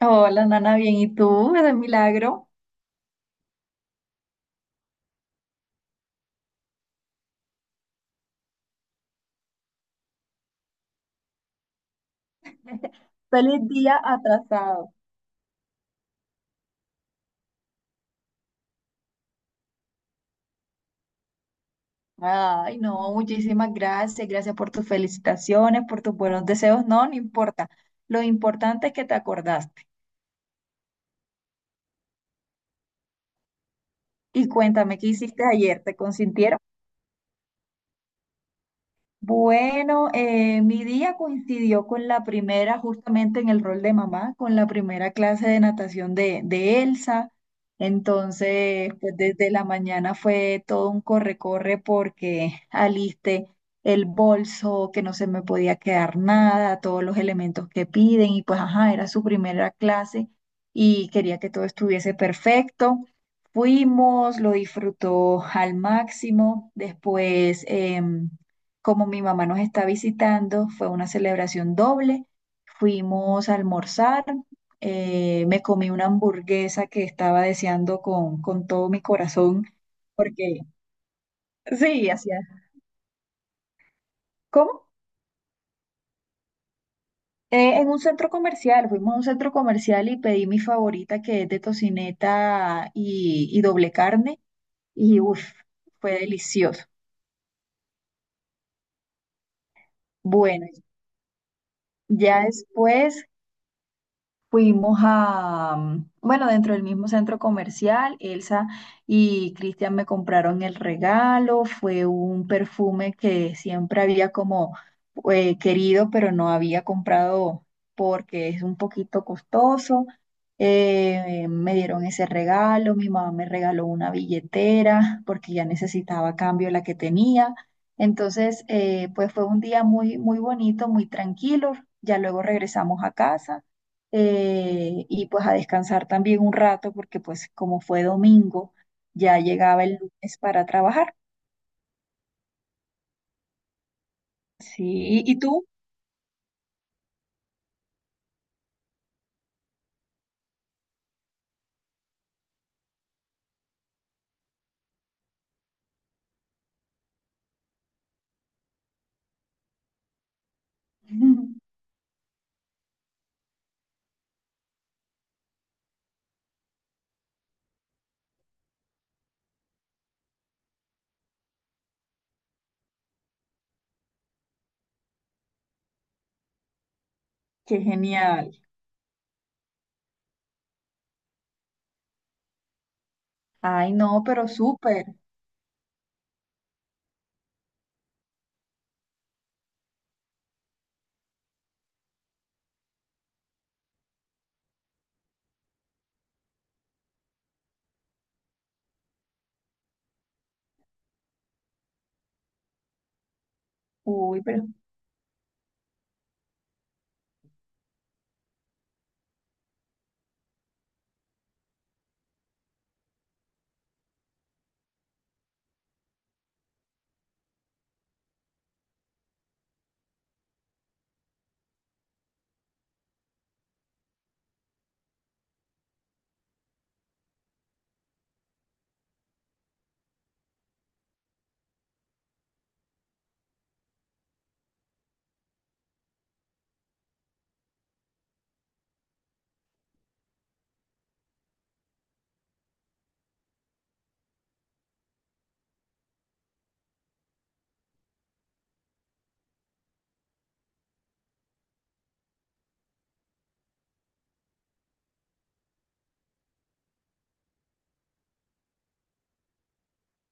Hola, Nana, bien. ¿Y tú? Es un milagro. Feliz día atrasado. Ay, no, muchísimas gracias. Gracias por tus felicitaciones, por tus buenos deseos. No, no importa. Lo importante es que te acordaste. Y cuéntame, ¿qué hiciste ayer? ¿Te consintieron? Bueno, mi día coincidió con la primera, justamente en el rol de mamá, con la primera clase de natación de Elsa. Entonces, pues desde la mañana fue todo un corre-corre porque alisté el bolso, que no se me podía quedar nada, todos los elementos que piden y pues, ajá, era su primera clase y quería que todo estuviese perfecto. Fuimos, lo disfrutó al máximo. Después... em, como mi mamá nos está visitando, fue una celebración doble. Fuimos a almorzar, me comí una hamburguesa que estaba deseando con todo mi corazón, porque sí, hacía. ¿Cómo? En un centro comercial, fuimos a un centro comercial y pedí mi favorita que es de tocineta y doble carne, y uff, fue delicioso. Bueno, ya después fuimos a, bueno, dentro del mismo centro comercial, Elsa y Cristian me compraron el regalo, fue un perfume que siempre había como querido, pero no había comprado porque es un poquito costoso. Me dieron ese regalo, mi mamá me regaló una billetera porque ya necesitaba cambio la que tenía. Entonces, pues fue un día muy, muy bonito, muy tranquilo. Ya luego regresamos a casa, y pues a descansar también un rato porque pues como fue domingo, ya llegaba el lunes para trabajar. Sí, ¿y tú? Qué genial. Ay, no, pero súper. Uy, pero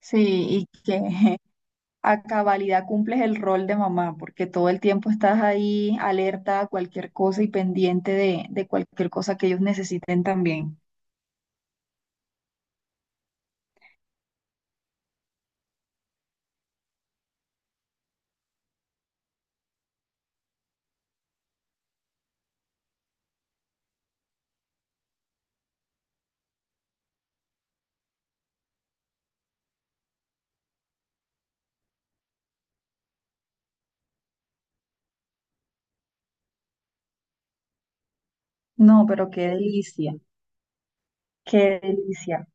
sí, y que a cabalidad cumples el rol de mamá, porque todo el tiempo estás ahí alerta a cualquier cosa y pendiente de cualquier cosa que ellos necesiten también. No, pero qué delicia, qué delicia.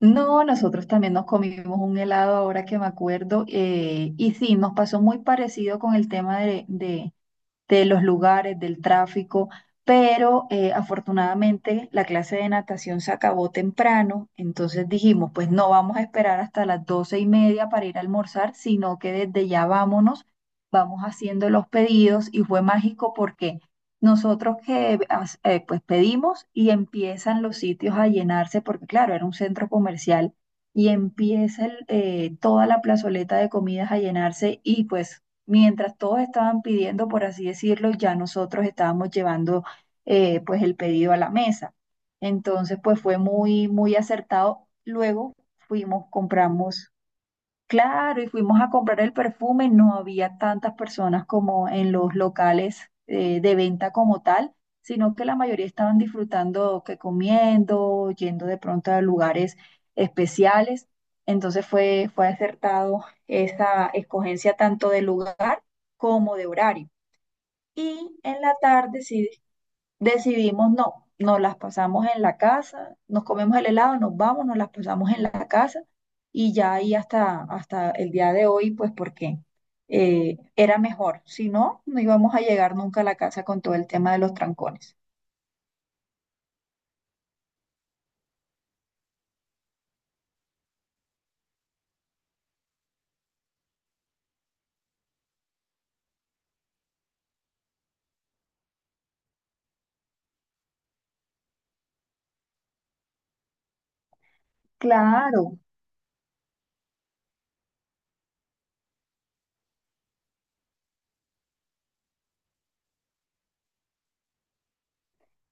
No, nosotros también nos comimos un helado ahora que me acuerdo, y sí, nos pasó muy parecido con el tema de los lugares, del tráfico, pero afortunadamente la clase de natación se acabó temprano, entonces dijimos, pues no vamos a esperar hasta las 12:30 para ir a almorzar, sino que desde ya vámonos, vamos haciendo los pedidos y fue mágico porque nosotros pues pedimos y empiezan los sitios a llenarse, porque claro, era un centro comercial. Y empieza toda la plazoleta de comidas a llenarse y pues mientras todos estaban pidiendo, por así decirlo, ya nosotros estábamos llevando, pues el pedido a la mesa. Entonces, pues fue muy, muy acertado. Luego fuimos, compramos. Claro, y fuimos a comprar el perfume, no había tantas personas como en los locales, de venta como tal, sino que la mayoría estaban disfrutando que comiendo, yendo de pronto a lugares especiales. Entonces fue, fue acertado esa escogencia tanto de lugar como de horario. Y en la tarde sí decidimos no, nos las pasamos en la casa, nos comemos el helado, nos vamos, nos las pasamos en la casa y ya ahí hasta, hasta el día de hoy, pues porque era mejor. Si no, no íbamos a llegar nunca a la casa con todo el tema de los trancones. Claro.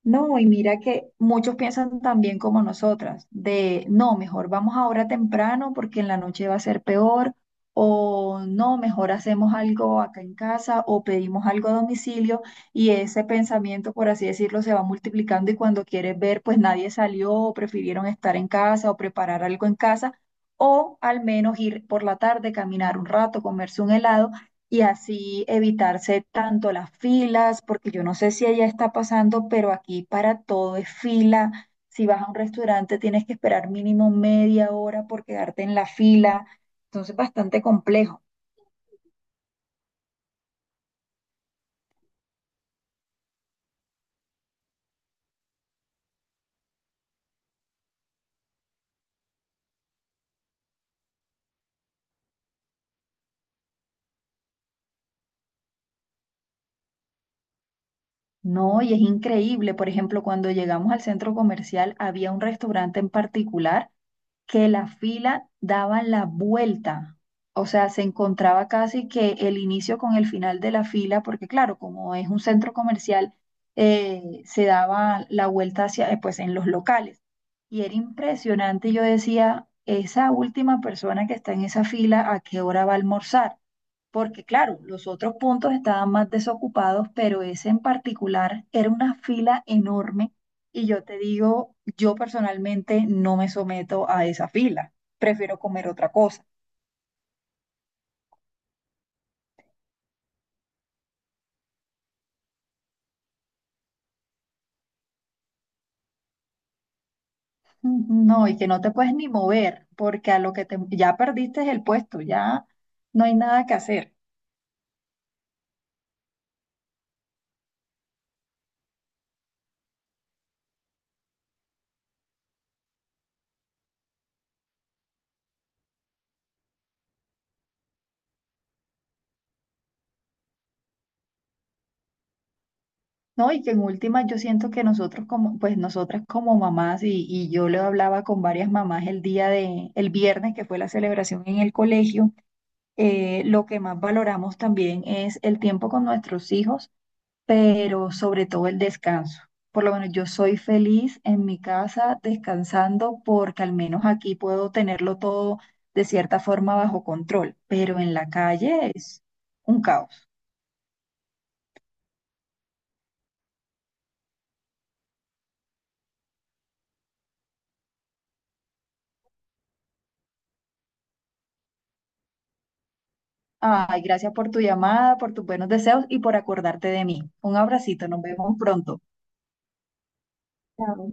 No, y mira que muchos piensan también como nosotras, de no, mejor vamos ahora temprano porque en la noche va a ser peor, o no, mejor hacemos algo acá en casa o pedimos algo a domicilio, y ese pensamiento, por así decirlo, se va multiplicando y cuando quieres ver, pues nadie salió o prefirieron estar en casa o preparar algo en casa, o al menos ir por la tarde, caminar un rato, comerse un helado y así evitarse tanto las filas, porque yo no sé si allá está pasando, pero aquí para todo es fila. Si vas a un restaurante tienes que esperar mínimo media hora por quedarte en la fila. Entonces, bastante complejo. No, y es increíble. Por ejemplo, cuando llegamos al centro comercial, había un restaurante en particular que la fila daba la vuelta. O sea, se encontraba casi que el inicio con el final de la fila, porque claro, como es un centro comercial, se daba la vuelta hacia, pues, en los locales. Y era impresionante. Yo decía, esa última persona que está en esa fila, ¿a qué hora va a almorzar? Porque claro, los otros puntos estaban más desocupados, pero ese en particular era una fila enorme y yo te digo, yo personalmente no me someto a esa fila, prefiero comer otra cosa. No, y que no te puedes ni mover, porque a lo que te, ya perdiste el puesto, ya no hay nada que hacer. No, y que en últimas yo siento que nosotros como, pues nosotras como mamás, y yo le hablaba con varias mamás el día de, el viernes que fue la celebración en el colegio, lo que más valoramos también es el tiempo con nuestros hijos, pero sobre todo el descanso. Por lo menos yo soy feliz en mi casa descansando porque al menos aquí puedo tenerlo todo de cierta forma bajo control, pero en la calle es un caos. Ay, gracias por tu llamada, por tus buenos deseos y por acordarte de mí. Un abracito, nos vemos pronto. Chao.